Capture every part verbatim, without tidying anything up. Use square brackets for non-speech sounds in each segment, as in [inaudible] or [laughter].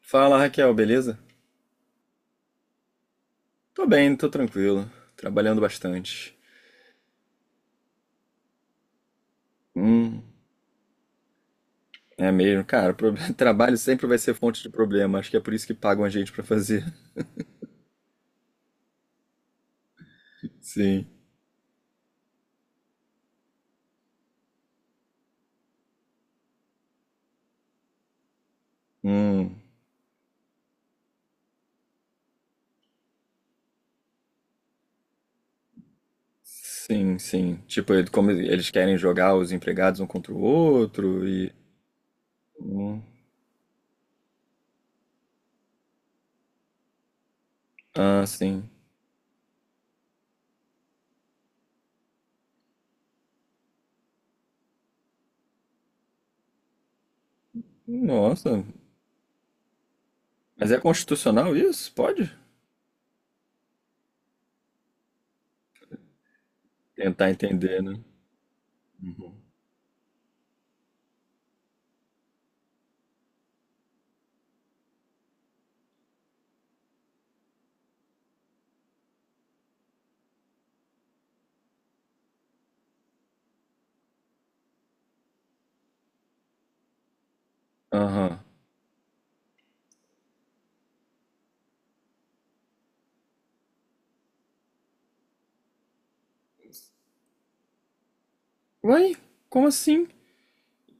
Fala, Raquel, beleza? Tô bem, tô tranquilo, trabalhando bastante. Hum, É mesmo, cara, pro- [laughs] trabalho sempre vai ser fonte de problema, acho que é por isso que pagam a gente pra fazer. [laughs] Sim. Hum, sim, sim. Tipo, ele- como eles querem jogar os empregados um contra o outro e. Hum, ah, sim. Nossa, mas é constitucional isso? Pode? Tentar entender, né? Aham. Uai, como assim?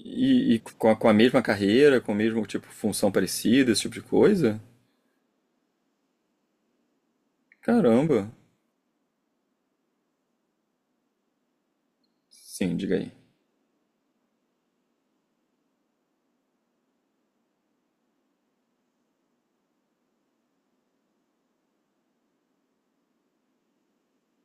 E, e com a, com a mesma carreira, com o mesmo tipo função parecida, esse tipo de coisa? Caramba. Sim, diga aí.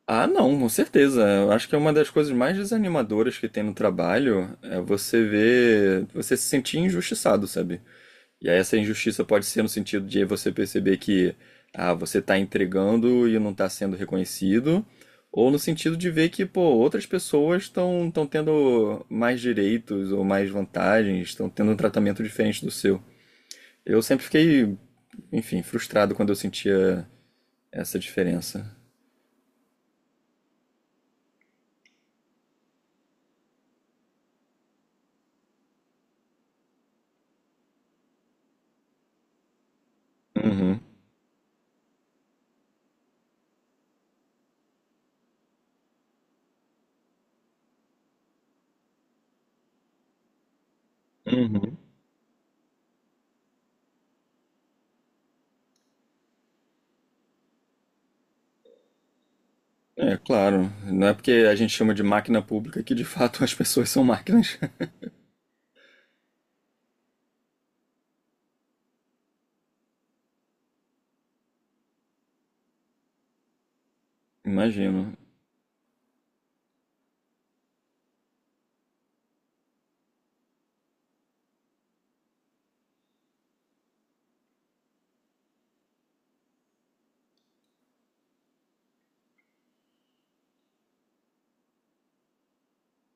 Ah, não, com certeza. Eu acho que é uma das coisas mais desanimadoras que tem no trabalho é você ver, você se sentir injustiçado, sabe? E aí essa injustiça pode ser no sentido de você perceber que ah, você tá entregando e não tá sendo reconhecido, ou no sentido de ver que, pô, outras pessoas estão estão tendo mais direitos ou mais vantagens, estão tendo um tratamento diferente do seu. Eu sempre fiquei, enfim, frustrado quando eu sentia essa diferença. Uhum. Uhum. É, claro. Não é porque a gente chama de máquina pública que de fato as pessoas são máquinas. [laughs] Imagino.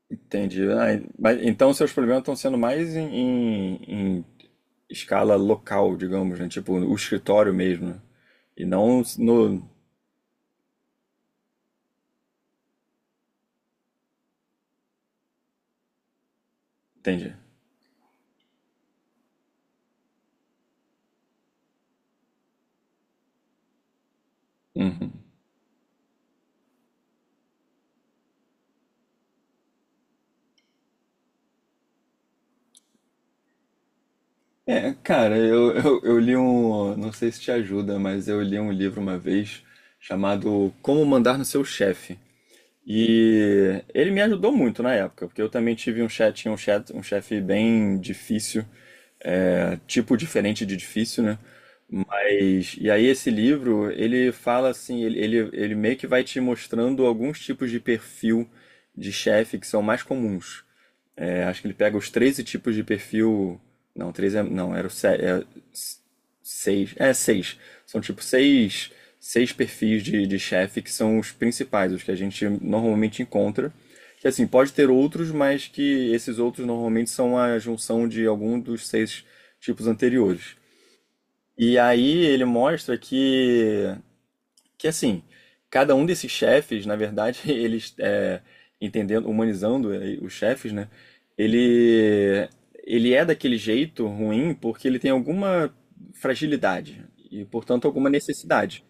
Entendi. Ah, en- mas então seus problemas estão sendo mais em, em- em escala local, digamos, né? Tipo, o escritório mesmo, né? E não no. Entendi. Uhum. É, cara, eu, eu, eu li um. Não sei se te ajuda, mas eu li um livro uma vez chamado Como Mandar no Seu Chefe. E ele me ajudou muito na época, porque eu também tive um chat, tinha um chat, um chefe bem difícil, é, tipo diferente de difícil, né? Mas, e aí esse livro, ele fala assim, ele, ele, ele meio que vai te mostrando alguns tipos de perfil de chefe que são mais comuns. É, acho que ele pega os treze tipos de perfil. Não, treze é, não, era o sete. Seis. É, seis. São tipo seis, seis perfis de, de chefe que são os principais, os que a gente normalmente encontra. Que assim, pode ter outros, mas que esses outros normalmente são a junção de algum dos seis tipos anteriores. E aí ele mostra que que assim, cada um desses chefes, na verdade, [laughs] eles é, entendendo, humanizando eh, os chefes, né? Ele ele é daquele jeito ruim porque ele tem alguma fragilidade e, portanto, alguma necessidade.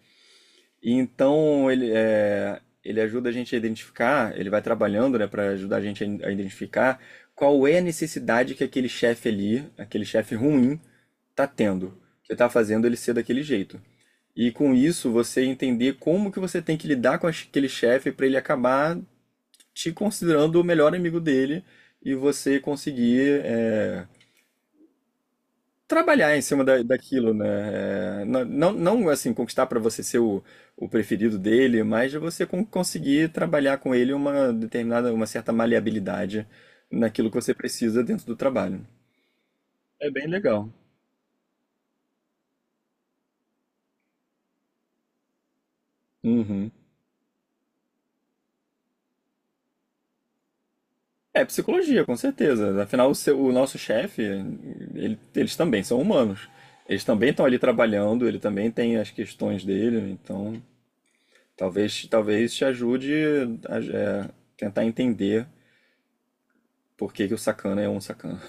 E então ele é, ele ajuda a gente a identificar, ele vai trabalhando, né, para ajudar a gente a identificar qual é a necessidade que aquele chefe ali, aquele chefe ruim, tá tendo, que tá fazendo ele ser daquele jeito. E com isso você entender como que você tem que lidar com aquele chefe para ele acabar te considerando o melhor amigo dele e você conseguir é, trabalhar em cima da, daquilo, né? É, na- não, não assim conquistar para você ser o, o preferido dele, mas de você con- conseguir trabalhar com ele uma determinada, uma certa maleabilidade naquilo que você precisa dentro do trabalho. É bem legal. Uhum. É psicologia, com certeza. Afinal, o, seu- o nosso chefe, ele- eles também são humanos. Eles também estão ali trabalhando, ele também tem as questões dele, então talvez talvez te ajude a é, tentar entender por que que o sacana é um sacana.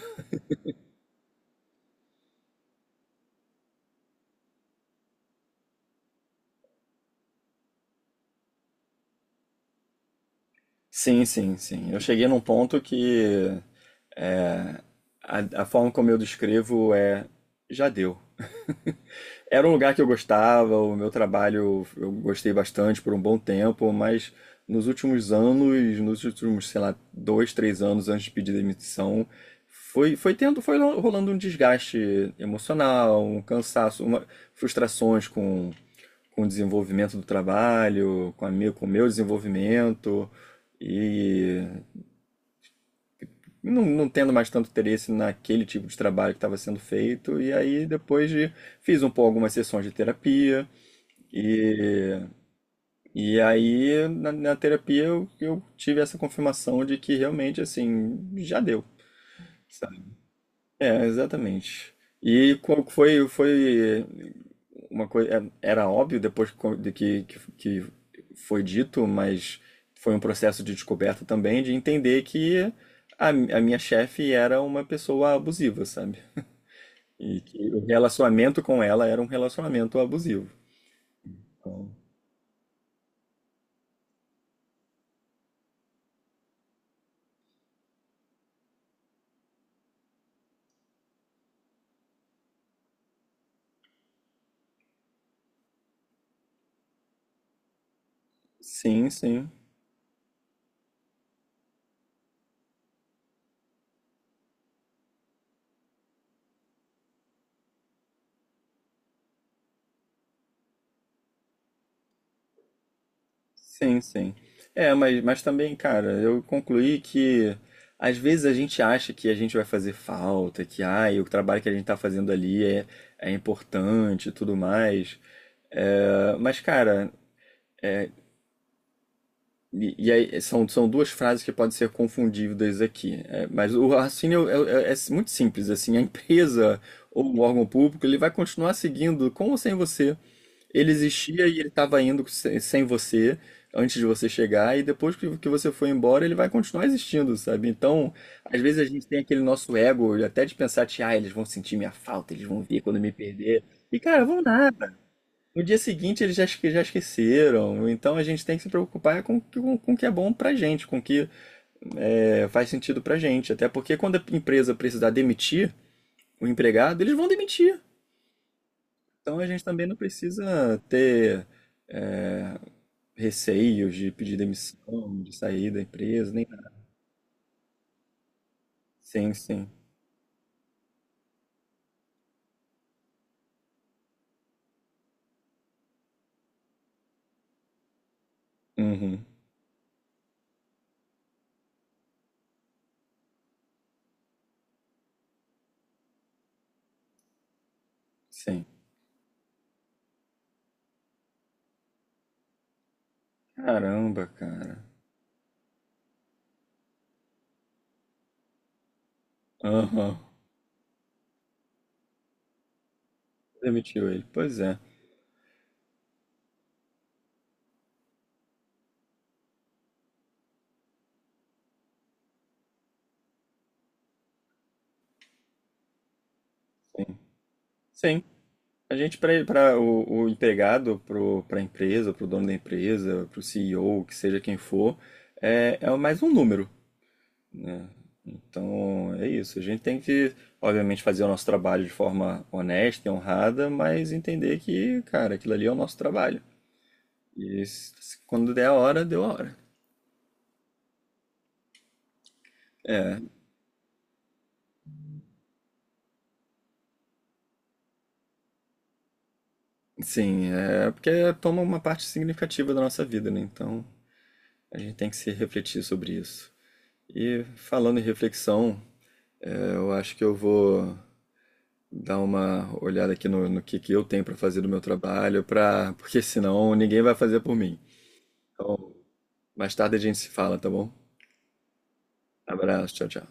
Sim, sim, sim. Eu cheguei num ponto que é, a, a forma como eu descrevo é já deu. Era um lugar que eu gostava, o meu trabalho eu gostei bastante por um bom tempo, mas nos últimos anos, nos últimos, sei lá, dois, três anos antes de pedir demissão, foi, foi tendo, foi rolando um desgaste emocional, um cansaço, uma, frustrações com, com o desenvolvimento do trabalho, com a minha, com o meu desenvolvimento e não, não tendo mais tanto interesse naquele tipo de trabalho que estava sendo feito. E aí depois de, fiz um pouco algumas sessões de terapia, e, e aí, na, na terapia, eu, eu tive essa confirmação de que realmente, assim, já deu, sabe? É, exatamente. E qual que foi, foi uma coisa, era óbvio depois co- de que, que, que foi dito, mas foi um processo de descoberta também, de entender que a, a minha chefe era uma pessoa abusiva, sabe? E que o relacionamento com ela era um relacionamento abusivo. Então, sim, sim. Sim, sim. É, mas, mas também, cara, eu concluí que às vezes a gente acha que a gente vai fazer falta, que ai, o trabalho que a gente tá fazendo ali é, é importante e tudo mais. É, mas, cara, é, e, e aí, são, são duas frases que podem ser confundidas aqui. É, mas o raciocínio é, é- é muito simples, assim, a empresa ou o órgão público, ele vai continuar seguindo com ou sem você. Ele existia e ele estava indo se- sem você antes de você chegar, e depois que que você foi embora, ele vai continuar existindo, sabe? Então, às vezes a gente tem aquele nosso ego, até de pensar, que, ah, eles vão sentir minha falta, eles vão vir quando me perder. E, cara, vão nada. No dia seguinte eles já, esque- já esqueceram. Então a gente tem que se preocupar com, o que- com, com o que é bom pra gente, com o que é, faz sentido pra gente. Até porque quando a empresa precisar demitir o empregado, eles vão demitir. Então a gente também não precisa ter. É, receios de pedir demissão, de sair da empresa, nem nada. Sim, sim. Uhum. Sim. Caramba, cara. Aham. Demitiu ele. Pois é. Sim. A gente, para para o, o empregado, para a empresa, para o dono da empresa, para o cêo, que seja quem for, é, é mais um número, né? Então, é isso. A gente tem que, obviamente, fazer o nosso trabalho de forma honesta e honrada, mas entender que, cara, aquilo ali é o nosso trabalho. E se- quando der a hora, deu a hora. É, sim, é porque toma uma parte significativa da nossa vida, né? Então a gente tem que se refletir sobre isso. E falando em reflexão, é, eu acho que eu vou dar uma olhada aqui no, no que, que eu tenho para fazer do meu trabalho, pra... porque senão ninguém vai fazer por mim. Então, mais tarde a gente se fala, tá bom? Abraço, tchau, tchau.